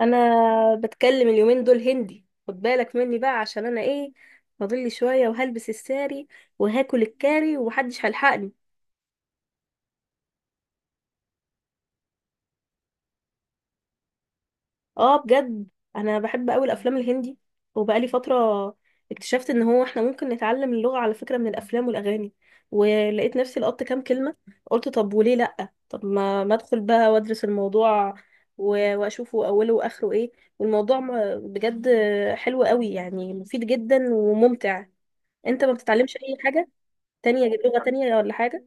انا بتكلم اليومين دول هندي، خد بالك مني بقى عشان انا ايه، فاضل لي شويه وهلبس الساري وهاكل الكاري ومحدش هيلحقني. اه، بجد انا بحب قوي الافلام الهندي، وبقالي فتره اكتشفت ان هو احنا ممكن نتعلم اللغه على فكره من الافلام والاغاني، ولقيت نفسي لقطت كام كلمه. قلت طب وليه لا، طب ما ادخل بقى وادرس الموضوع و- واشوفه اوله واخره ايه. والموضوع بجد حلو قوي، يعني مفيد جدا وممتع. انت ما بتتعلمش اي حاجه تانية، غير لغه تانية ولا حاجه؟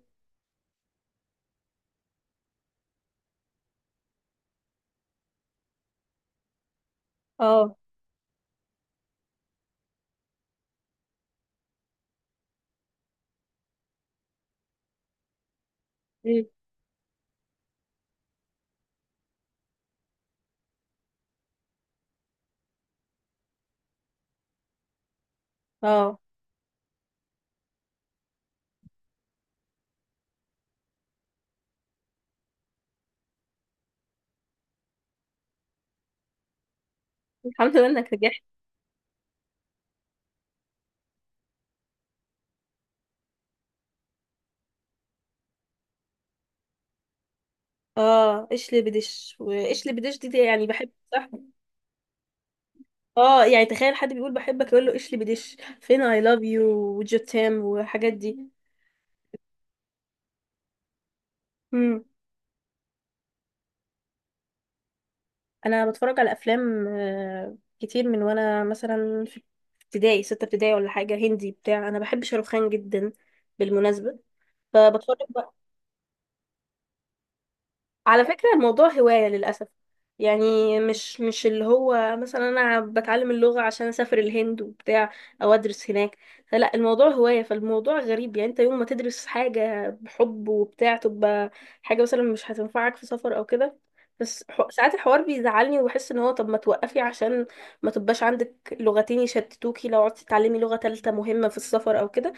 اه. مم. اه. الحمد لله انك رجعت. اه، اشلي بدش، واشلي بدش دي، دي يعني بحب، صح؟ اه، يعني تخيل حد بيقول بحبك يقول له اشلي بدش، فين اي لاف يو وجوتام والحاجات دي. مم. انا بتفرج على افلام كتير من وانا مثلا في ابتدائي، ستة ابتدائي ولا حاجة، هندي بتاع. انا بحب شاروخان جدا بالمناسبة، فبتفرج. على فكرة الموضوع هواية للأسف، يعني مش اللي هو مثلا أنا بتعلم اللغة عشان أسافر الهند وبتاع، أو أدرس هناك. فلا، الموضوع هواية. فالموضوع غريب، يعني أنت يوم ما تدرس حاجة بحب وبتاع تبقى حاجة مثلا مش هتنفعك في سفر أو كده. بس ساعات الحوار بيزعلني، وبحس ان هو طب ما توقفي عشان ما تبقاش عندك لغتين يشتتوكي لو قعدتي تتعلمي لغة تالتة مهمة في السفر او كده.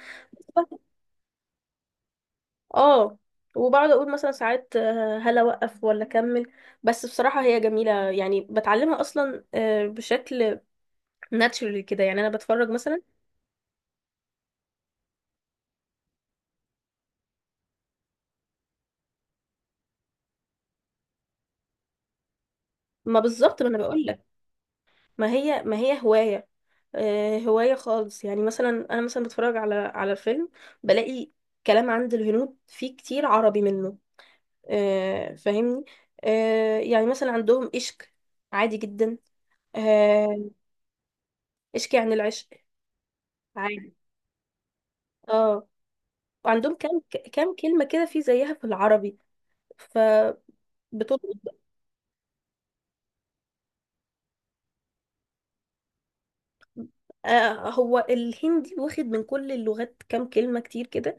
اه، وبقعد اقول مثلا ساعات هل اوقف ولا اكمل. بس بصراحه هي جميله، يعني بتعلمها اصلا بشكل ناتشورال كده، يعني انا بتفرج مثلا. ما بالظبط، ما انا بقول لك. ما هي هوايه، هوايه خالص. يعني مثلا انا مثلا بتفرج على على فيلم بلاقي كلام عند الهنود فيه كتير عربي منه، فاهمني؟ يعني مثلا عندهم عشق عادي جدا، آه، اشكي عن العشق عادي. اه وعندهم كام، كام كلمة كده في زيها في العربي فبتلقط. هو الهندي واخد من كل اللغات كام كلمة كتير كده،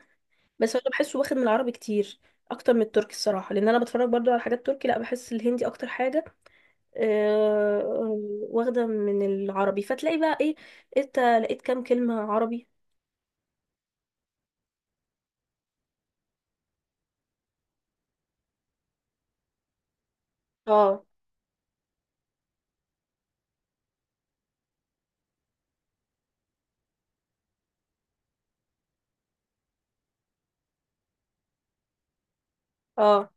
بس انا بحسه واخد من العربي كتير اكتر من التركي الصراحة، لان انا بتفرج برضو على حاجات تركي. لا، بحس الهندي اكتر حاجة آه، واخدة من العربي. فتلاقي بقى ايه، انت لقيت كام كلمة عربي. اه اه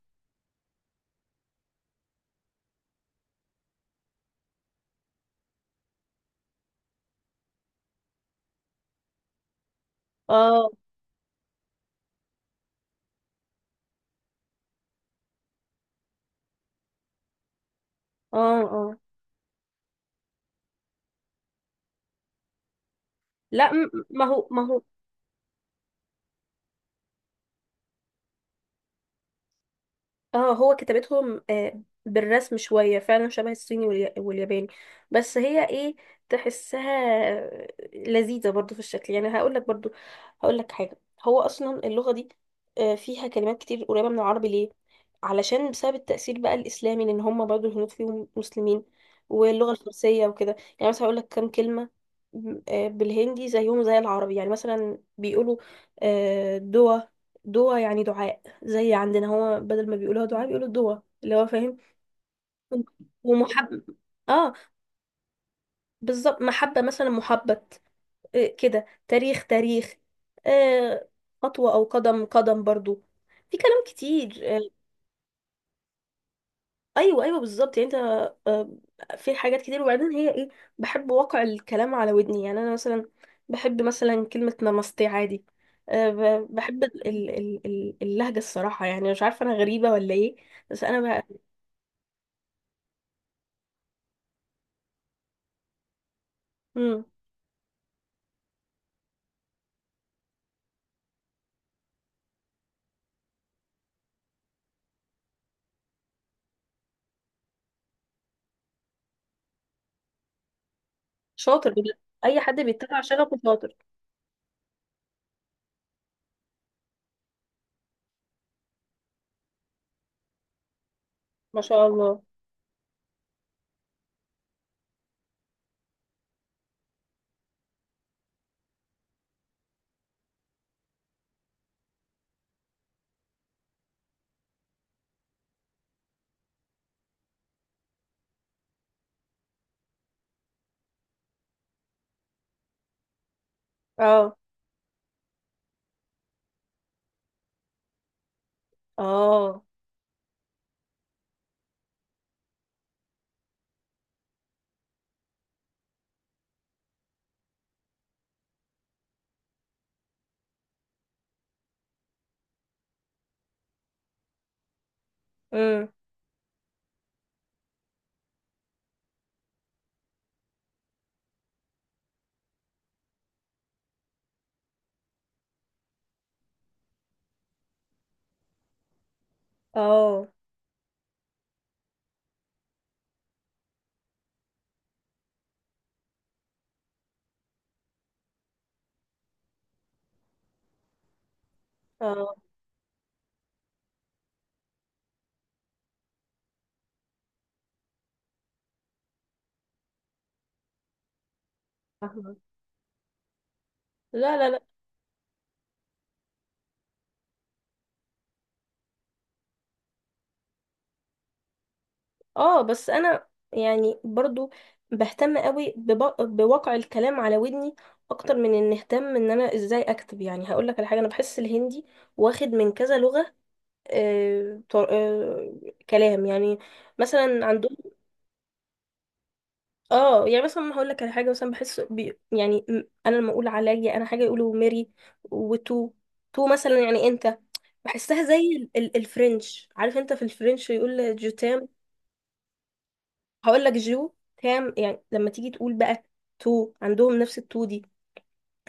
اه اه اه. لا، ما هو. اه، هو كتابتهم بالرسم شوية، فعلا شبه الصيني والياباني. بس هي ايه، تحسها لذيذة برضو في الشكل. يعني هقولك، برضو هقولك حاجة، هو أصلا اللغة دي فيها كلمات كتير قريبة من العربي، ليه؟ علشان بسبب التأثير بقى الإسلامي، لأن هم برضو الهنود فيهم مسلمين واللغة الفارسية وكده. يعني مثلا هقولك كام كلمة بالهندي زيهم زي العربي. يعني مثلا بيقولوا دوا، دوا يعني دعاء. زي عندنا، هو بدل ما بيقولوها دعاء بيقولوا الدوا، اللي هو فاهم. ومحب، اه، بالظبط محبة، مثلا محبت. إيه كده، تاريخ، تاريخ، آه، خطوة، أو قدم، قدم برضو. في كلام كتير، آه، أيوة أيوة بالظبط. يعني أنت آه، في حاجات كتير. وبعدين هي إيه، بحب وقع الكلام على ودني. يعني أنا مثلا بحب مثلا كلمة نمستي، عادي آه. بحب اللهجة الصراحة، يعني مش عارفة أنا غريبة ولا إيه؟ بس أنا بقى. شاطر بجد، اي حد بيتبع شغفه شاطر. ما شاء الله. اه اه. امم اه اه. فاهمة. لا لا لا. اه، بس انا يعني برضو بهتم قوي بواقع الكلام على ودني اكتر من ان اهتم ان انا ازاي اكتب. يعني هقول لك على حاجه، انا بحس الهندي واخد من كذا لغه آه كلام. يعني مثلا عندهم اه، يعني مثلا هقول لك على حاجه مثلا، بحس بي يعني انا لما اقول عليا انا حاجه يقولوا ميري، وتو. تو مثلا يعني انت، بحسها زي ال الفرنش. عارف انت في الفرنش يقول جو تام؟ هقول لك جو تام، يعني لما تيجي تقول بقى تو، عندهم نفس التو دي.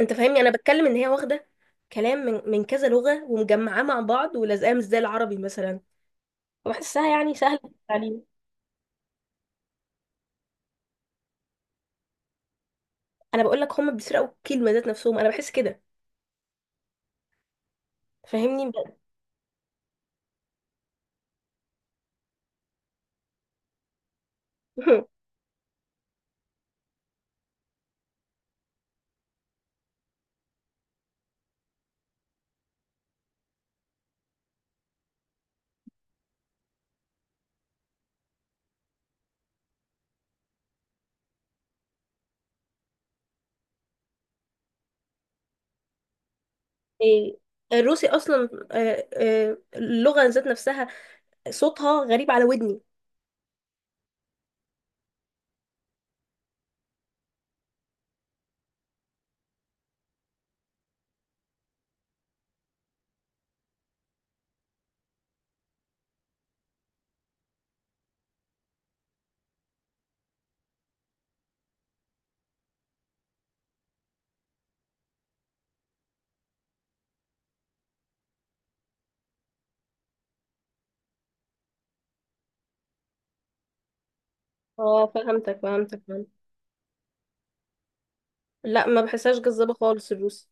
انت فاهمني، انا بتكلم ان هي واخده كلام من كذا لغه ومجمعاه مع بعض ولازقاه، مش زي العربي مثلا. وبحسها يعني سهله في التعليم. انا بقول لك هم بيسرقوا الكلمه ذات نفسهم، انا بحس كده، فاهمني؟ إيه، الروسي اصلا اللغه ذات نفسها صوتها غريب على ودني. اه، فهمتك فهمتك فهمت. لا، ما بحسهاش جذابه خالص الروسي.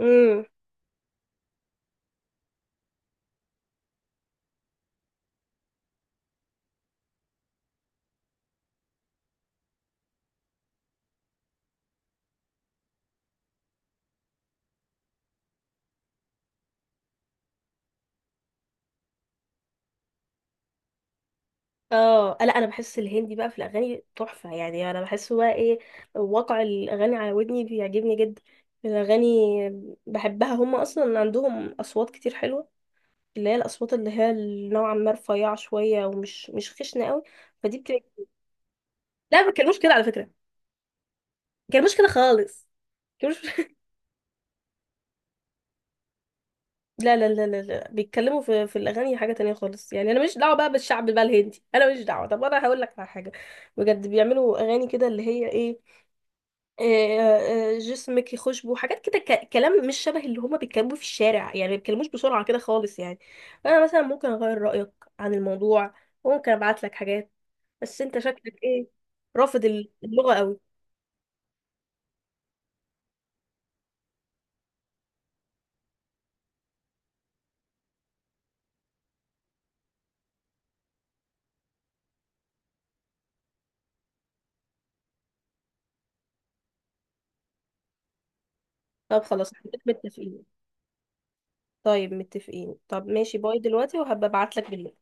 امم. اه، لا، انا بحس الهندي بقى في الاغاني تحفه. يعني انا بحس بقى ايه، واقع الاغاني على ودني بيعجبني جدا. الاغاني بحبها، هم اصلا عندهم اصوات كتير حلوه، اللي هي الاصوات اللي هي نوعا ما رفيعه شويه ومش مش خشنه قوي. فدي بتبقى. لا، ما بيتكلموش كده على فكره، ما بيتكلموش كده خالص، ما بيتكلموش. لا لا لا لا لا، بيتكلموا في الاغاني حاجه تانية خالص. يعني انا مش دعوه بقى بالشعب بقى الهندي، انا مش دعوه. طب انا هقول لك على حاجه، بجد بيعملوا اغاني كده اللي هي ايه، جسمك يخشبه، حاجات كده كلام مش شبه اللي هما بيتكلموا في الشارع. يعني ما بيتكلموش بسرعه كده خالص يعني. انا مثلا ممكن اغير رايك عن الموضوع، وممكن ابعت لك حاجات، بس انت شكلك ايه، رافض اللغه قوي. طب خلاص، متفقين. طيب متفقين، طب ماشي باي دلوقتي، وهبقى ابعت لك بالليل.